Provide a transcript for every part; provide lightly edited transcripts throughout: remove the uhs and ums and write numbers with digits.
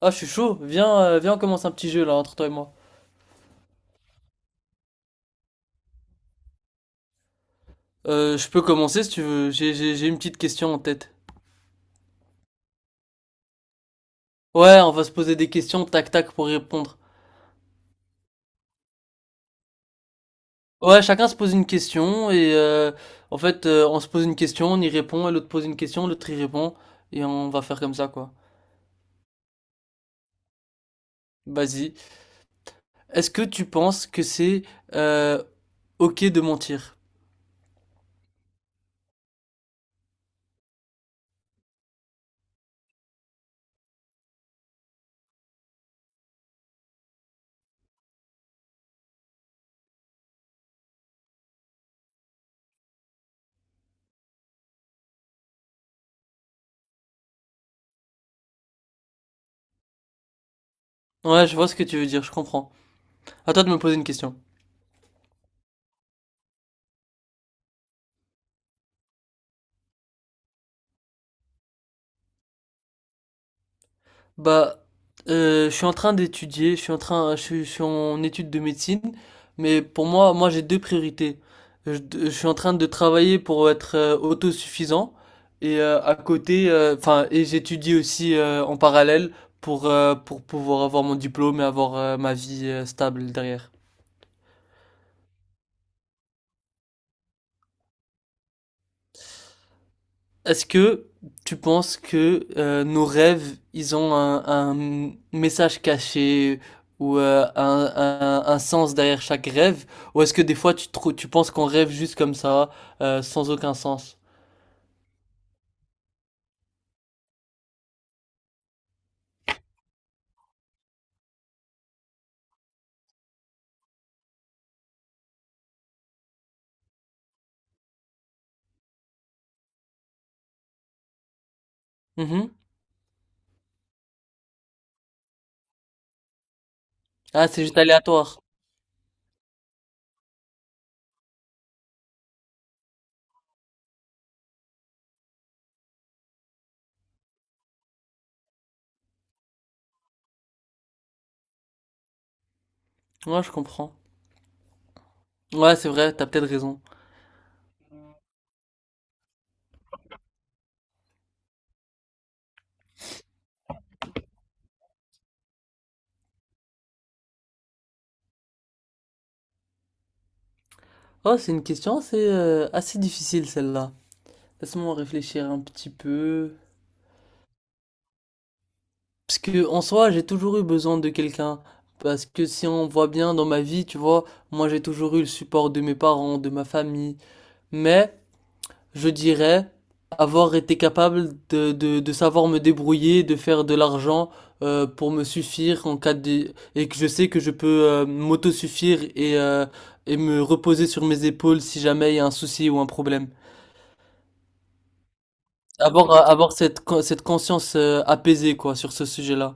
Ah, je suis chaud. Viens, viens, on commence un petit jeu là entre toi et moi. Je peux commencer si tu veux. J'ai une petite question en tête. Ouais, on va se poser des questions, tac tac, pour y répondre. Ouais, chacun se pose une question et on se pose une question, on y répond, et l'autre pose une question, l'autre y répond et on va faire comme ça quoi. Vas-y. Est-ce que tu penses que c'est euh, ok de mentir? Ouais, je vois ce que tu veux dire, je comprends. À toi de me poser une question. Bah, je suis en train d'étudier, je suis en étude de médecine, mais pour moi, moi j'ai deux priorités. Je suis en train de travailler pour être autosuffisant et à côté, enfin, et j'étudie aussi en parallèle pour pouvoir avoir mon diplôme et avoir ma vie stable derrière. Est-ce que tu penses que nos rêves, ils ont un message caché ou un, un sens derrière chaque rêve? Ou est-ce que des fois tu, tu penses qu'on rêve juste comme ça, sans aucun sens? Mhm. Ah, c'est juste aléatoire. Ouais, je comprends. Ouais, c'est vrai, t'as peut-être raison. Oh, c'est une question assez, assez difficile celle-là. Laisse-moi réfléchir un petit peu. Parce que en soi, j'ai toujours eu besoin de quelqu'un. Parce que si on voit bien dans ma vie, tu vois, moi j'ai toujours eu le support de mes parents, de ma famille. Mais je dirais avoir été capable de savoir me débrouiller, de faire de l'argent pour me suffire en cas de... Et que je sais que je peux m'autosuffire et me reposer sur mes épaules si jamais il y a un souci ou un problème. Avoir cette, cette conscience apaisée, quoi, sur ce sujet-là.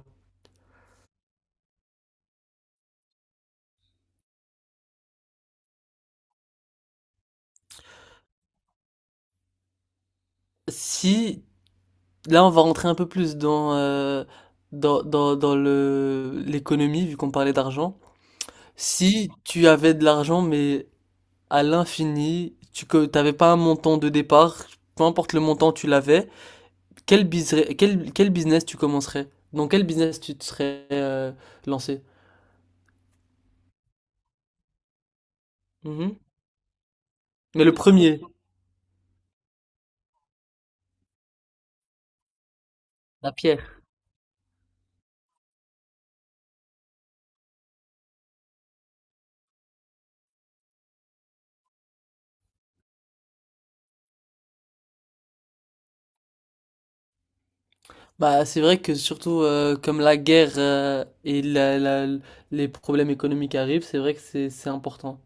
Si là, on va rentrer un peu plus dans, l'économie, vu qu'on parlait d'argent. Si tu avais de l'argent, mais à l'infini, tu que t'avais pas un montant de départ, peu importe le montant, tu l'avais, quel, quel business tu commencerais? Dans quel business tu te serais lancé? Mhm. Mais le premier. La pierre. Bah, c'est vrai que surtout comme la guerre et les problèmes économiques arrivent, c'est vrai que c'est important.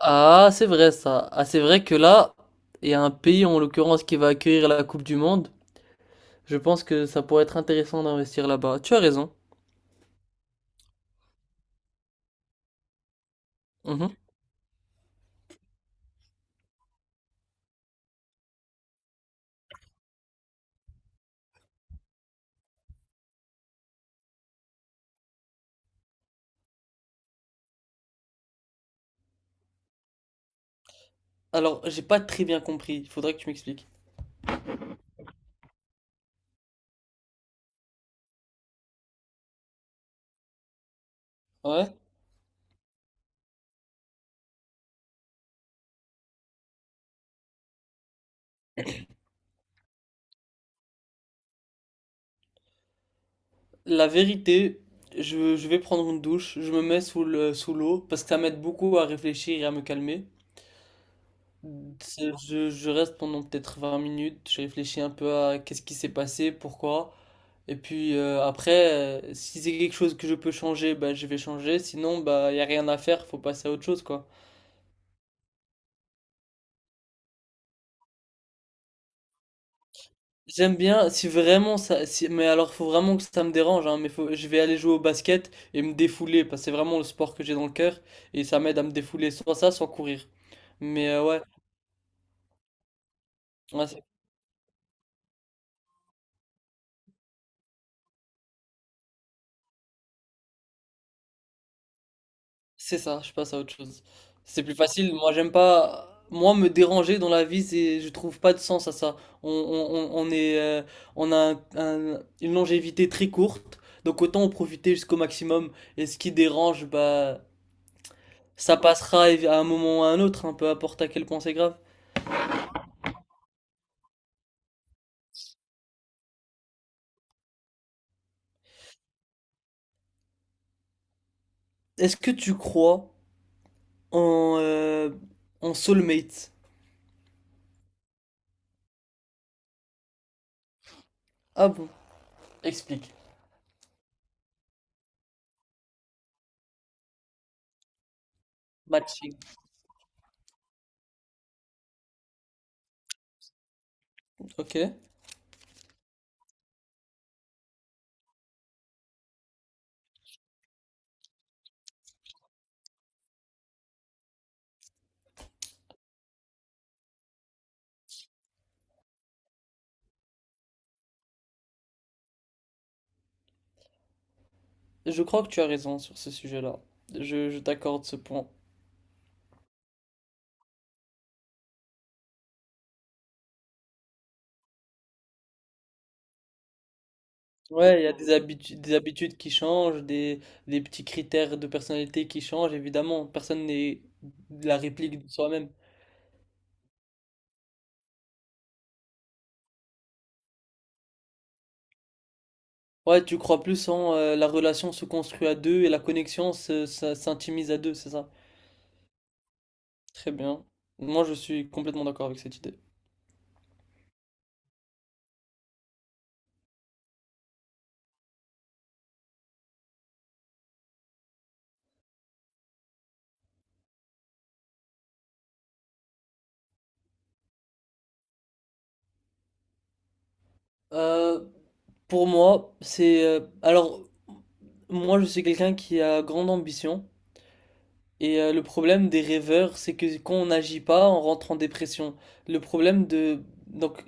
Ah, c'est vrai ça. Ah, c'est vrai que là, il y a un pays en l'occurrence qui va accueillir la Coupe du Monde. Je pense que ça pourrait être intéressant d'investir là-bas. Tu as raison. Mhm. Alors, j'ai pas très bien compris. Il faudrait que tu m'expliques. Ouais. La vérité, je vais prendre une douche. Je me mets sous sous l'eau parce que ça m'aide beaucoup à réfléchir et à me calmer. Je reste pendant peut-être 20 minutes. Je réfléchis un peu à qu'est-ce qui s'est passé, pourquoi. Et puis après, si c'est quelque chose que je peux changer, bah, je vais changer. Sinon, bah, il n'y a rien à faire, faut passer à autre chose, quoi. J'aime bien, si vraiment ça, si, mais alors faut vraiment que ça me dérange, hein, mais faut, je vais aller jouer au basket et me défouler, parce que c'est vraiment le sport que j'ai dans le cœur, et ça m'aide à me défouler, soit ça, soit courir. Mais ouais, ouais, c'est ça, je passe à autre chose. C'est plus facile. Moi, j'aime pas. Moi, me déranger dans la vie, c'est, je trouve pas de sens à ça. On est, on a une longévité très courte, donc autant en profiter jusqu'au maximum. Et ce qui dérange, bah, ça passera à un moment ou à un autre, hein, peu importe à quel point c'est grave. Est-ce que tu crois en, en soulmate? Ah bon? Explique. Matching. Ok. Je crois que tu as raison sur ce sujet-là. Je t'accorde ce point. Ouais, il y a des habitudes qui changent, des petits critères de personnalité qui changent, évidemment. Personne n'est la réplique de soi-même. Ouais, tu crois plus en la relation se construit à deux et la connexion ça s'intimise à deux, c'est ça? Très bien. Moi, je suis complètement d'accord avec cette idée. Euh, pour moi, c'est... alors, moi, je suis quelqu'un qui a grande ambition. Et le problème des rêveurs, c'est que quand on n'agit pas, on rentre en dépression. Le problème de... Donc,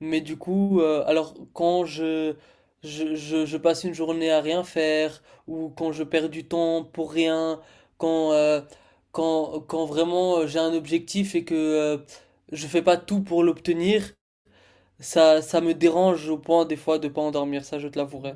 mais du coup, alors quand je, je passe une journée à rien faire, ou quand je perds du temps pour rien, quand, quand vraiment j'ai un objectif et que je fais pas tout pour l'obtenir, ça me dérange au point des fois de pas endormir, ça je te l'avouerai.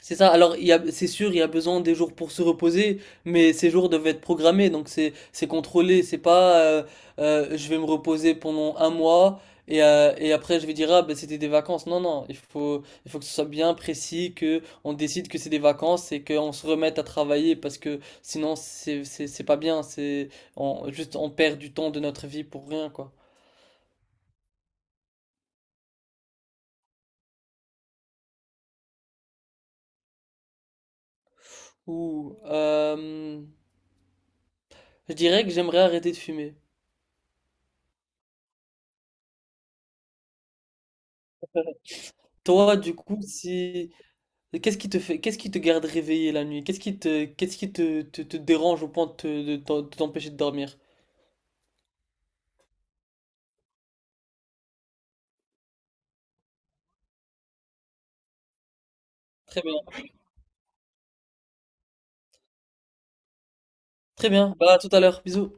C'est ça. Alors, il y a, c'est sûr, il y a besoin des jours pour se reposer, mais ces jours doivent être programmés, donc c'est contrôlé. C'est pas, je vais me reposer pendant un mois et après je vais dire ah ben c'était des vacances. Non, non, il faut que ce soit bien précis, que on décide que c'est des vacances et qu'on se remette à travailler parce que sinon c'est pas bien. On, juste on perd du temps de notre vie pour rien quoi. Ou, je dirais que j'aimerais arrêter de fumer. Toi, du coup, si et qu'est-ce qui te fait, qu'est-ce qui te garde réveillé la nuit? Qu'est-ce qui te, qu'est-ce qui te dérange au point de de de t'empêcher de dormir? Très bien. Très bien. Bah, à tout à l'heure. Bisous.